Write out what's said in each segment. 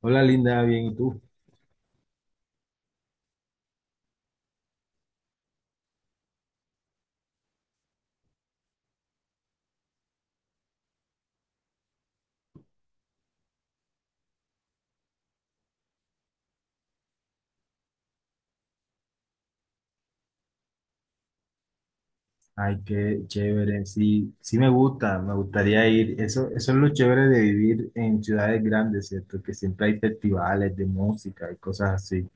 Hola Linda, bien, ¿y tú? Ay, qué chévere, sí, sí me gusta, me gustaría ir. Eso es lo chévere de vivir en ciudades grandes, ¿cierto? Que siempre hay festivales de música y cosas así.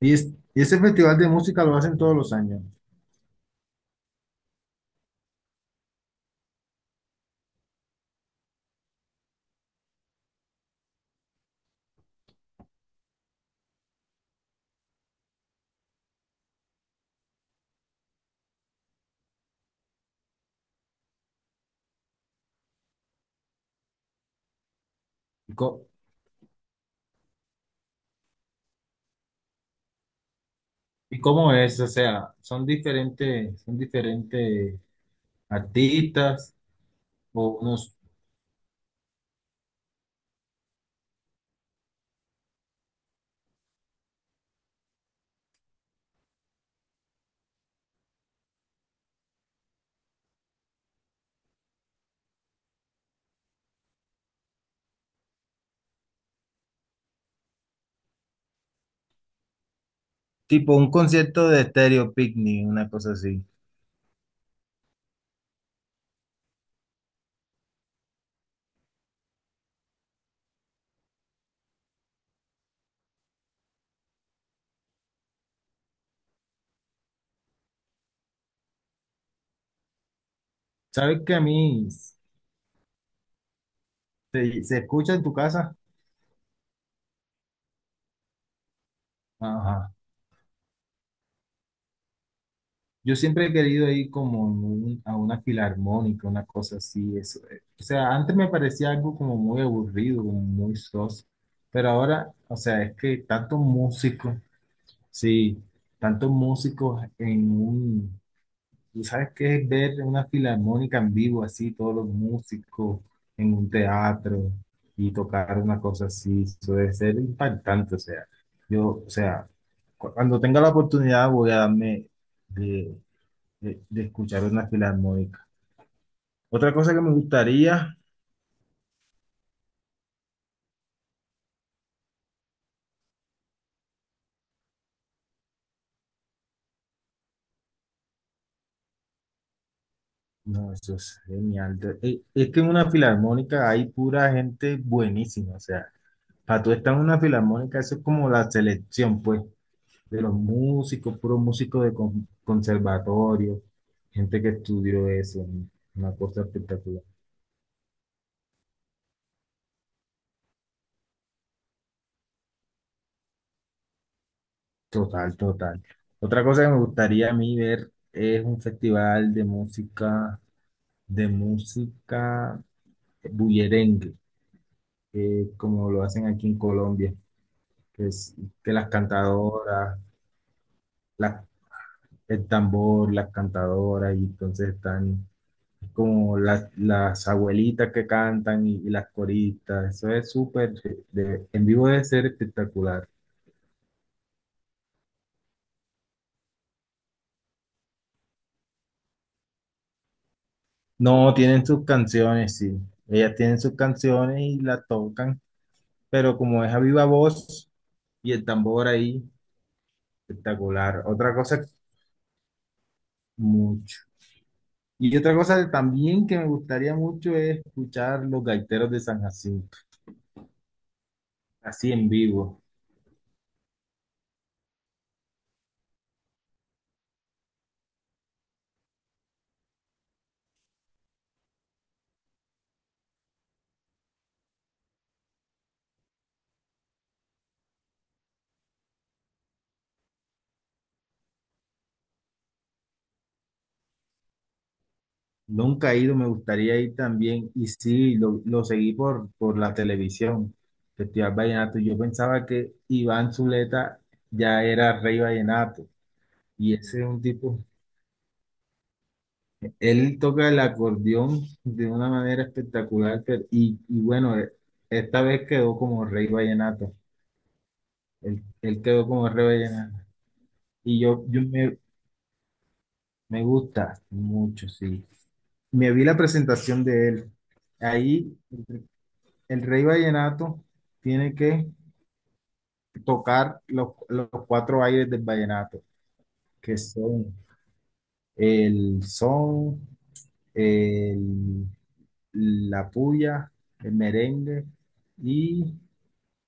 Y, es- y ese festival de música lo hacen todos los años. ¿Y, co- ¿Y cómo es? O sea, son diferentes artistas o unos. Tipo un concierto de Stereo Picnic, una cosa así. ¿Sabes que a mí se escucha en tu casa? Ajá. Yo siempre he querido ir como en a una filarmónica, una cosa así. Eso. O sea, antes me parecía algo como muy aburrido, como muy soso, pero ahora, o sea, es que tantos músicos, sí, tantos músicos en un, ¿tú sabes qué es ver una filarmónica en vivo así, todos los músicos en un teatro y tocar una cosa así? Eso debe ser impactante, o sea, yo, o sea, cuando tenga la oportunidad voy a darme de escuchar una filarmónica. Otra cosa que me gustaría, no, eso es genial. Es que en una filarmónica hay pura gente buenísima, o sea, para tú estar en una filarmónica, eso es como la selección, pues, de los músicos, puros músicos de conservatorio, gente que estudió eso, una cosa espectacular. Total, total. Otra cosa que me gustaría a mí ver es un festival de música bullerengue. Como lo hacen aquí en Colombia, que es que las cantadoras, la- el tambor, las cantadoras, y entonces están como las abuelitas que cantan y las coristas. Eso es súper, en vivo debe ser espectacular. No, tienen sus canciones, sí. Ellas tienen sus canciones y las tocan, pero como es a viva voz y el tambor ahí, espectacular. Otra cosa, mucho. Y otra cosa también que me gustaría mucho es escuchar los gaiteros de San Jacinto, así en vivo. Nunca he ido, me gustaría ir también. Y sí, lo seguí por la televisión, Festival Vallenato. Yo pensaba que Iván Zuleta ya era rey vallenato. Y ese es un tipo, él toca el acordeón de una manera espectacular. Y bueno, esta vez quedó como rey vallenato. Él quedó como rey vallenato. Y yo me me gusta mucho, sí. Me vi la presentación de él. Ahí el Rey Vallenato tiene que tocar los cuatro aires del vallenato, que son, el, la puya, el merengue y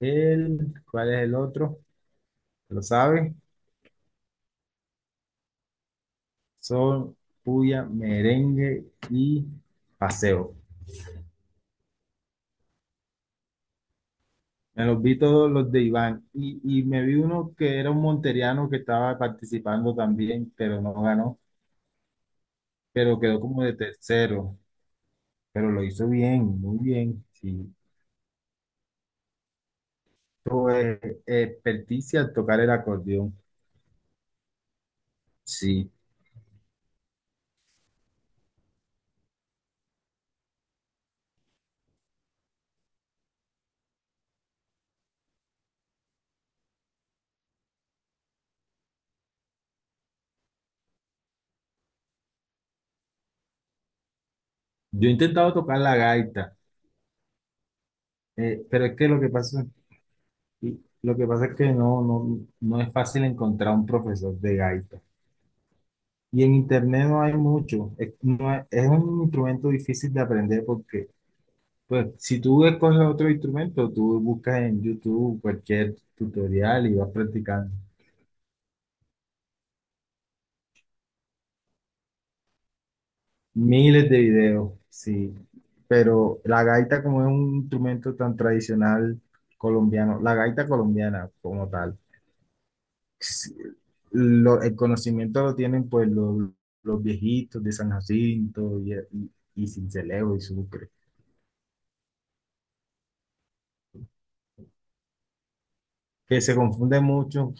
el, ¿cuál es el otro? ¿Lo sabe? Son puya, merengue y paseo. Me los vi todos los de Iván. Y me vi uno que era un monteriano que estaba participando también, pero no ganó, pero quedó como de tercero. Pero lo hizo bien, muy bien. Sí. Tuvo experticia al tocar el acordeón. Sí. Yo he intentado tocar la gaita, pero es que lo que pasa, y lo que pasa es que no es fácil encontrar un profesor de gaita. Y en internet no hay mucho. Es, no es es un instrumento difícil de aprender porque pues si tú escoges otro instrumento, tú buscas en YouTube cualquier tutorial y vas practicando miles de videos, sí. Pero la gaita como es un instrumento tan tradicional colombiano, la gaita colombiana como tal, sí, el conocimiento lo tienen pues los viejitos de San Jacinto y Sincelejo y Sucre, que se confunde mucho.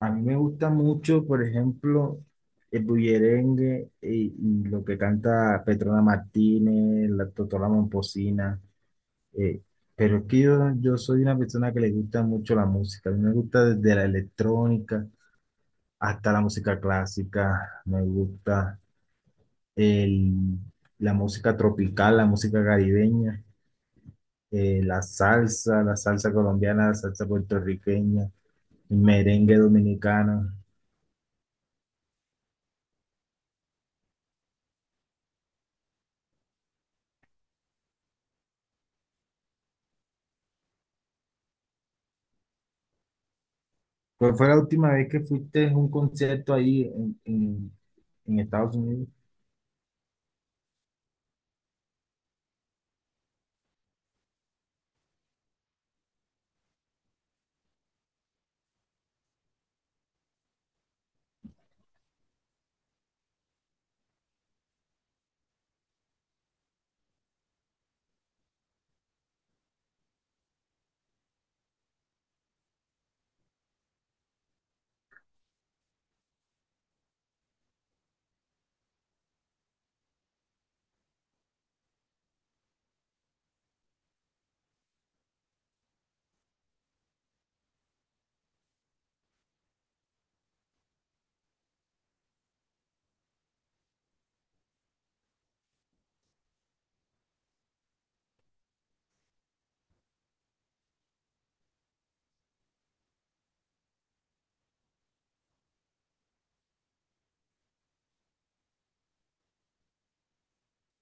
A mí me gusta mucho, por ejemplo, el bullerengue y lo que canta Petrona Martínez, la Totola Momposina. eh, pero es que yo soy una persona que le gusta mucho la música. A mí me gusta desde la electrónica hasta la música clásica. Me gusta el- la música tropical, la música caribeña, la salsa colombiana, la salsa puertorriqueña, el merengue dominicano. ¿Cuál fue la última vez que fuiste a un concierto ahí en Estados Unidos?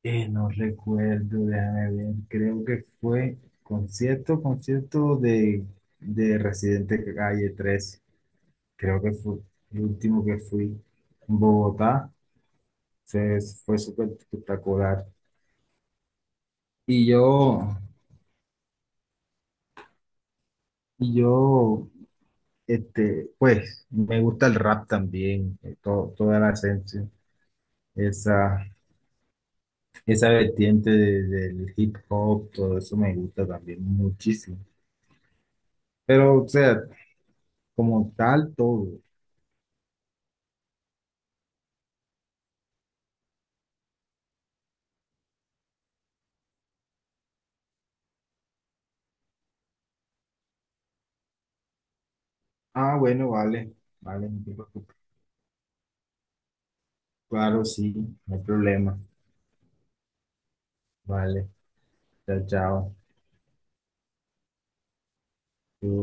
No recuerdo, déjame ver. Creo que fue concierto, concierto de Residente Calle 13. Creo que fue el último que fui en Bogotá. Fue, fue súper espectacular. Y yo, y yo, este, pues, me gusta el rap también, todo, toda la esencia, esa. Esa vertiente del hip hop, todo eso me gusta también muchísimo. Pero, o sea, como tal, todo. Ah, bueno, vale, vale, no te preocupes. Claro, sí, no hay problema. Vale, chao, chao. Tú-